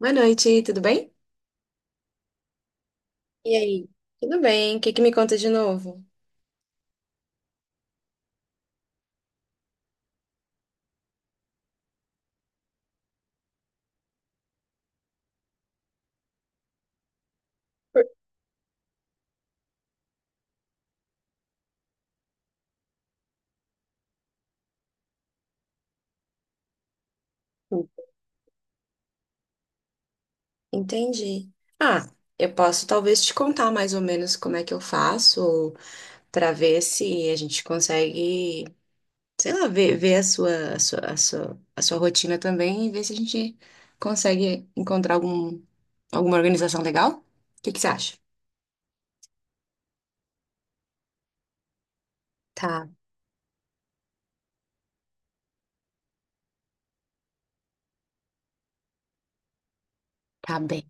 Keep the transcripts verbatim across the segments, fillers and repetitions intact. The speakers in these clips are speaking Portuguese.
Boa noite, tudo bem? E aí? Tudo bem, o que que me conta de novo? Entendi. Ah, eu posso talvez te contar mais ou menos como é que eu faço para ver se a gente consegue, sei lá, ver, ver a sua, a sua, a sua, a sua rotina também e ver se a gente consegue encontrar algum, alguma organização legal. O que que você acha? Tá, tá bem.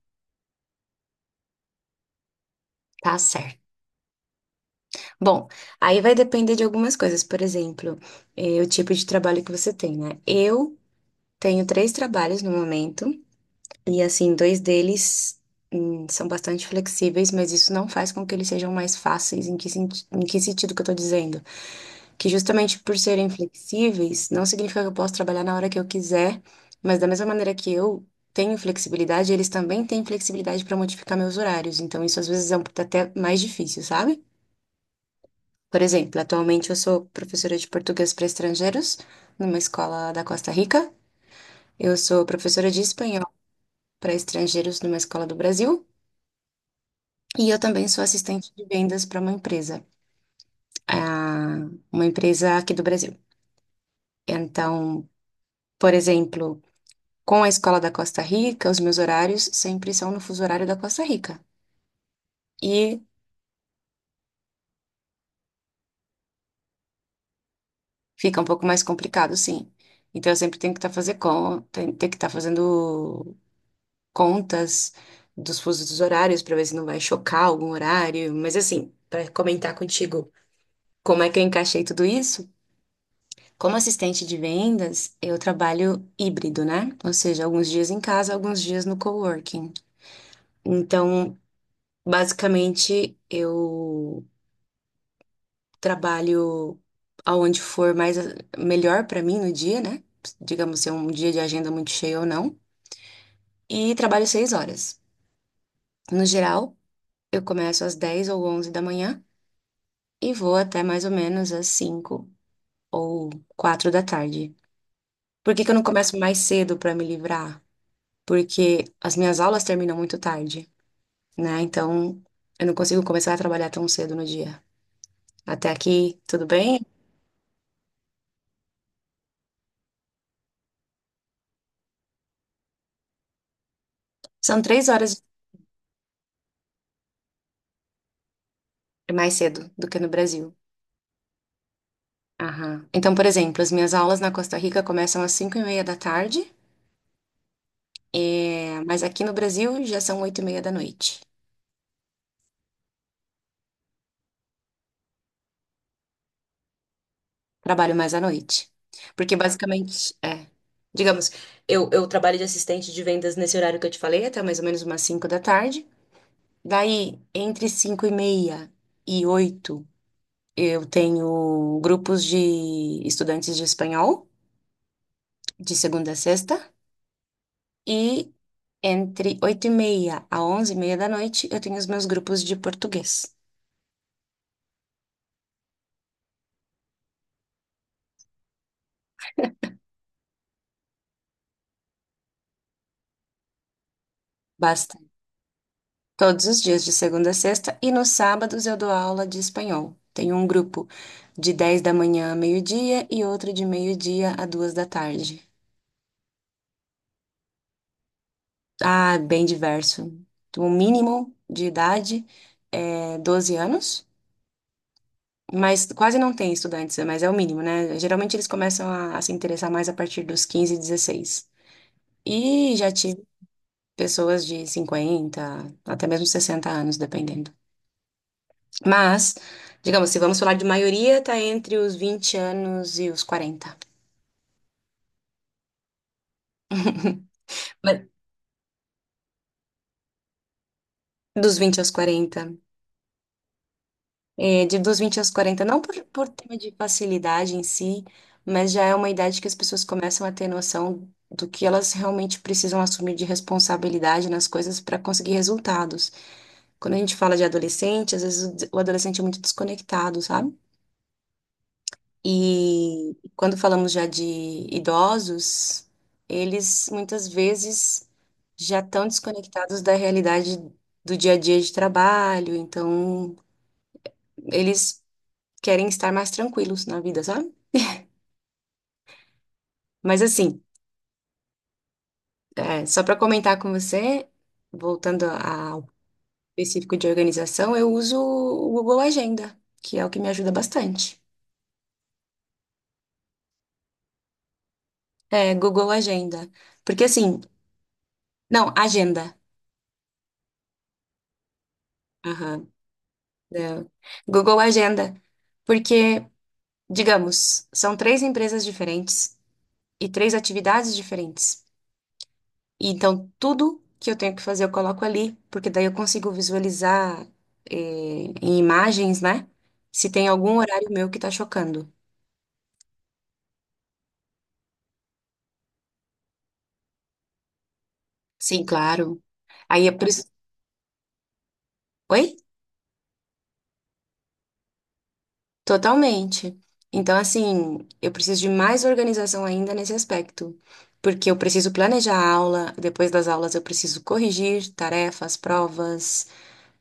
Tá certo. Bom, aí vai depender de algumas coisas, por exemplo, eh, o tipo de trabalho que você tem, né? Eu tenho três trabalhos no momento, e assim, dois deles hum, são bastante flexíveis, mas isso não faz com que eles sejam mais fáceis. Em que, senti- em que sentido que eu tô dizendo? Que justamente por serem flexíveis, não significa que eu posso trabalhar na hora que eu quiser, mas da mesma maneira que eu tenho flexibilidade, eles também têm flexibilidade para modificar meus horários. Então, isso às vezes é um- até mais difícil, sabe? Por exemplo, atualmente eu sou professora de português para estrangeiros numa escola da Costa Rica. Eu sou professora de espanhol para estrangeiros numa escola do Brasil. E eu também sou assistente de vendas para uma empresa, ah, uma empresa aqui do Brasil. Então, por exemplo, com a escola da Costa Rica, os meus horários sempre são no fuso horário da Costa Rica. E fica um pouco mais complicado, sim. Então, eu sempre tenho que estar fazer con- tem- ter que estar fazendo contas dos fusos dos horários para ver se não vai chocar algum horário. Mas, assim, para comentar contigo como é que eu encaixei tudo isso. Como assistente de vendas, eu trabalho híbrido, né? Ou seja, alguns dias em casa, alguns dias no coworking. Então, basicamente, eu trabalho aonde for mais melhor para mim no dia, né? Digamos se é um dia de agenda muito cheia ou não. E trabalho seis horas. No geral, eu começo às dez ou onze da manhã e vou até mais ou menos às cinco ou quatro da tarde. Por que que eu não começo mais cedo para me livrar? Porque as minhas aulas terminam muito tarde, né? Então, eu não consigo começar a trabalhar tão cedo no dia. Até aqui, tudo bem? São três horas mais cedo do que no Brasil. Aham. Então, por exemplo, as minhas aulas na Costa Rica começam às cinco e meia da tarde, é, mas aqui no Brasil já são oito e meia da noite. Trabalho mais à noite. Porque basicamente, é, digamos, eu, eu trabalho de assistente de vendas nesse horário que eu te falei, até mais ou menos umas cinco da tarde. Daí, entre cinco e meia e oito eu tenho grupos de estudantes de espanhol, de segunda a sexta, e entre oito e meia a onze e meia da noite eu tenho os meus grupos de português. Basta. Todos os dias, de segunda a sexta, e nos sábados eu dou aula de espanhol. Tenho um grupo de dez da manhã a meio-dia e outro de meio-dia a duas da tarde. Ah, bem diverso. O mínimo de idade é doze anos. Mas quase não tem estudantes, né? Mas é o mínimo, né? Geralmente eles começam a, a se interessar mais a partir dos quinze, dezesseis. E já tive pessoas de cinquenta até mesmo sessenta anos, dependendo. Mas, digamos, se vamos falar de maioria, tá entre os vinte anos e os quarenta. Mas, dos vinte aos quarenta. É, de dos vinte aos quarenta, não por, por tema de facilidade em si, mas já é uma idade que as pessoas começam a ter noção do que elas realmente precisam assumir de responsabilidade nas coisas para conseguir resultados. Quando a gente fala de adolescente, às vezes o des- o adolescente é muito desconectado, sabe? E quando falamos já de idosos, eles muitas vezes já estão desconectados da realidade do dia a dia de trabalho, então eles querem estar mais tranquilos na vida, sabe? Mas assim, é, só para comentar com você, voltando a- ao específico de organização, eu uso o Google Agenda, que é o que me ajuda bastante. É, Google Agenda. Porque assim, não, Agenda. Aham. é, Google Agenda. Porque, digamos, são três empresas diferentes e três atividades diferentes. E então, tudo que eu tenho que fazer eu coloco ali, porque daí eu consigo visualizar, eh, em imagens, né? Se tem algum horário meu que tá chocando. Sim, claro. Aí eu preciso. Oi? Totalmente. Então, assim, eu preciso de mais organização ainda nesse aspecto, porque eu preciso planejar a aula, depois das aulas eu preciso corrigir tarefas, provas.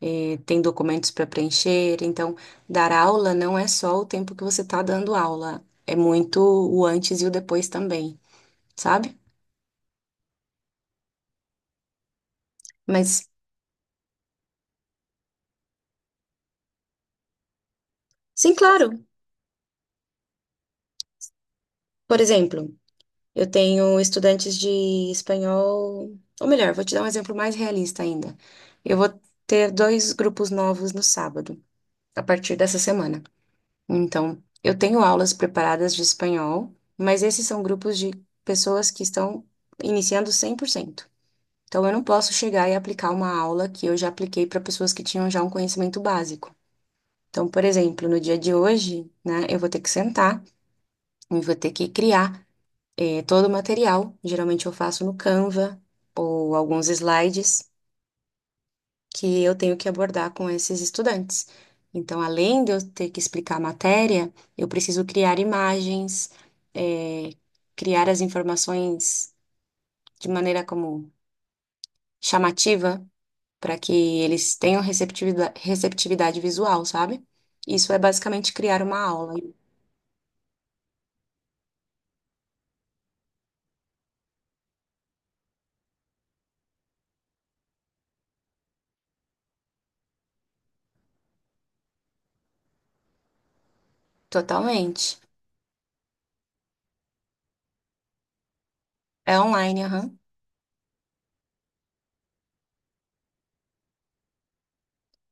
eh, Tem documentos para preencher. Então, dar aula não é só o tempo que você está dando aula, é muito o antes e o depois também, sabe? Mas, sim, claro. Por exemplo, eu tenho estudantes de espanhol, ou melhor, vou te dar um exemplo mais realista ainda. Eu vou ter dois grupos novos no sábado, a partir dessa semana. Então, eu tenho aulas preparadas de espanhol, mas esses são grupos de pessoas que estão iniciando cem por cento. Então, eu não posso chegar e aplicar uma aula que eu já apliquei para pessoas que tinham já um conhecimento básico. Então, por exemplo, no dia de hoje, né, eu vou ter que sentar e vou ter que criar eh, todo o material. Geralmente, eu faço no Canva ou alguns slides que eu tenho que abordar com esses estudantes. Então, além de eu ter que explicar a matéria, eu preciso criar imagens, eh, criar as informações de maneira como chamativa para que eles tenham receptividade, receptividade visual, sabe? Isso é basicamente criar uma aula. Totalmente. É online, aham.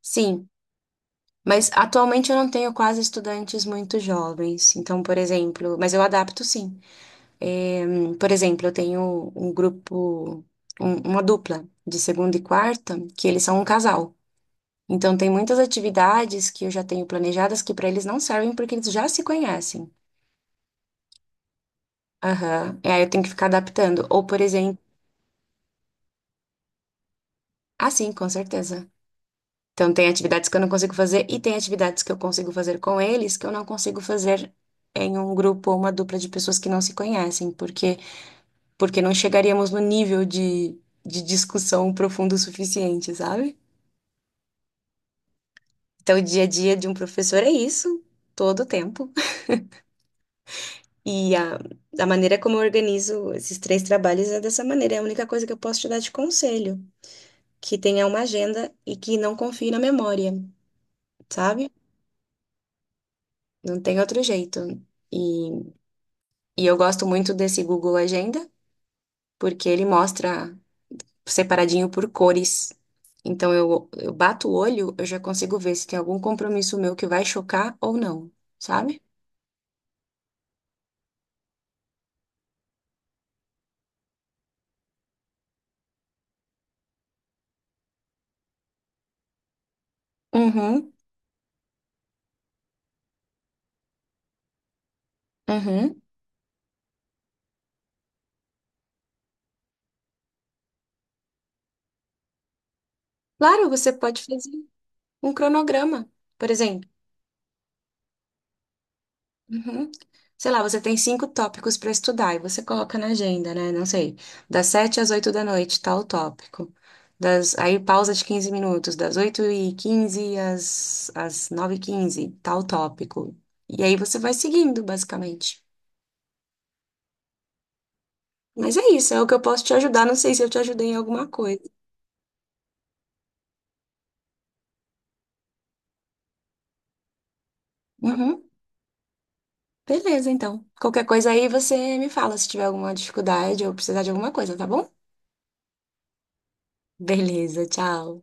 Sim. Mas atualmente eu não tenho quase estudantes muito jovens. Então, por exemplo, mas eu adapto sim. É, por exemplo, eu tenho um grupo, um- uma dupla de segunda e quarta, que eles são um casal. Então, tem muitas atividades que eu já tenho planejadas que para eles não servem porque eles já se conhecem. Aham. E aí eu tenho que ficar adaptando. Ou, por exemplo, ah, sim, com certeza. Então, tem atividades que eu não consigo fazer e tem atividades que eu consigo fazer com eles que eu não consigo fazer em um grupo ou uma dupla de pessoas que não se conhecem, porque porque não chegaríamos no nível de, de discussão profundo o suficiente, sabe? Então, o dia a dia de um professor é isso, todo o tempo. E a, a maneira como eu organizo esses três trabalhos é dessa maneira. É a única coisa que eu posso te dar de conselho, que tenha uma agenda e que não confie na memória, sabe? Não tem outro jeito. E E eu gosto muito desse Google Agenda, porque ele mostra separadinho por cores. Então eu, eu bato o olho, eu já consigo ver se tem algum compromisso meu que vai chocar ou não, sabe? Uhum, uhum. Claro, você pode fazer um cronograma. Por exemplo, uhum. Sei lá, você tem cinco tópicos para estudar e você coloca na agenda, né? Não sei, das sete às oito da noite, tal tópico. Das, aí pausa de quinze minutos, das oito e quinze às, às nove e quinze tal tópico. E aí você vai seguindo, basicamente. Mas é isso, é o que eu posso te ajudar. Não sei se eu te ajudei em alguma coisa. Uhum. Beleza, então. Qualquer coisa aí você me fala se tiver alguma dificuldade ou precisar de alguma coisa, tá bom? Beleza, tchau.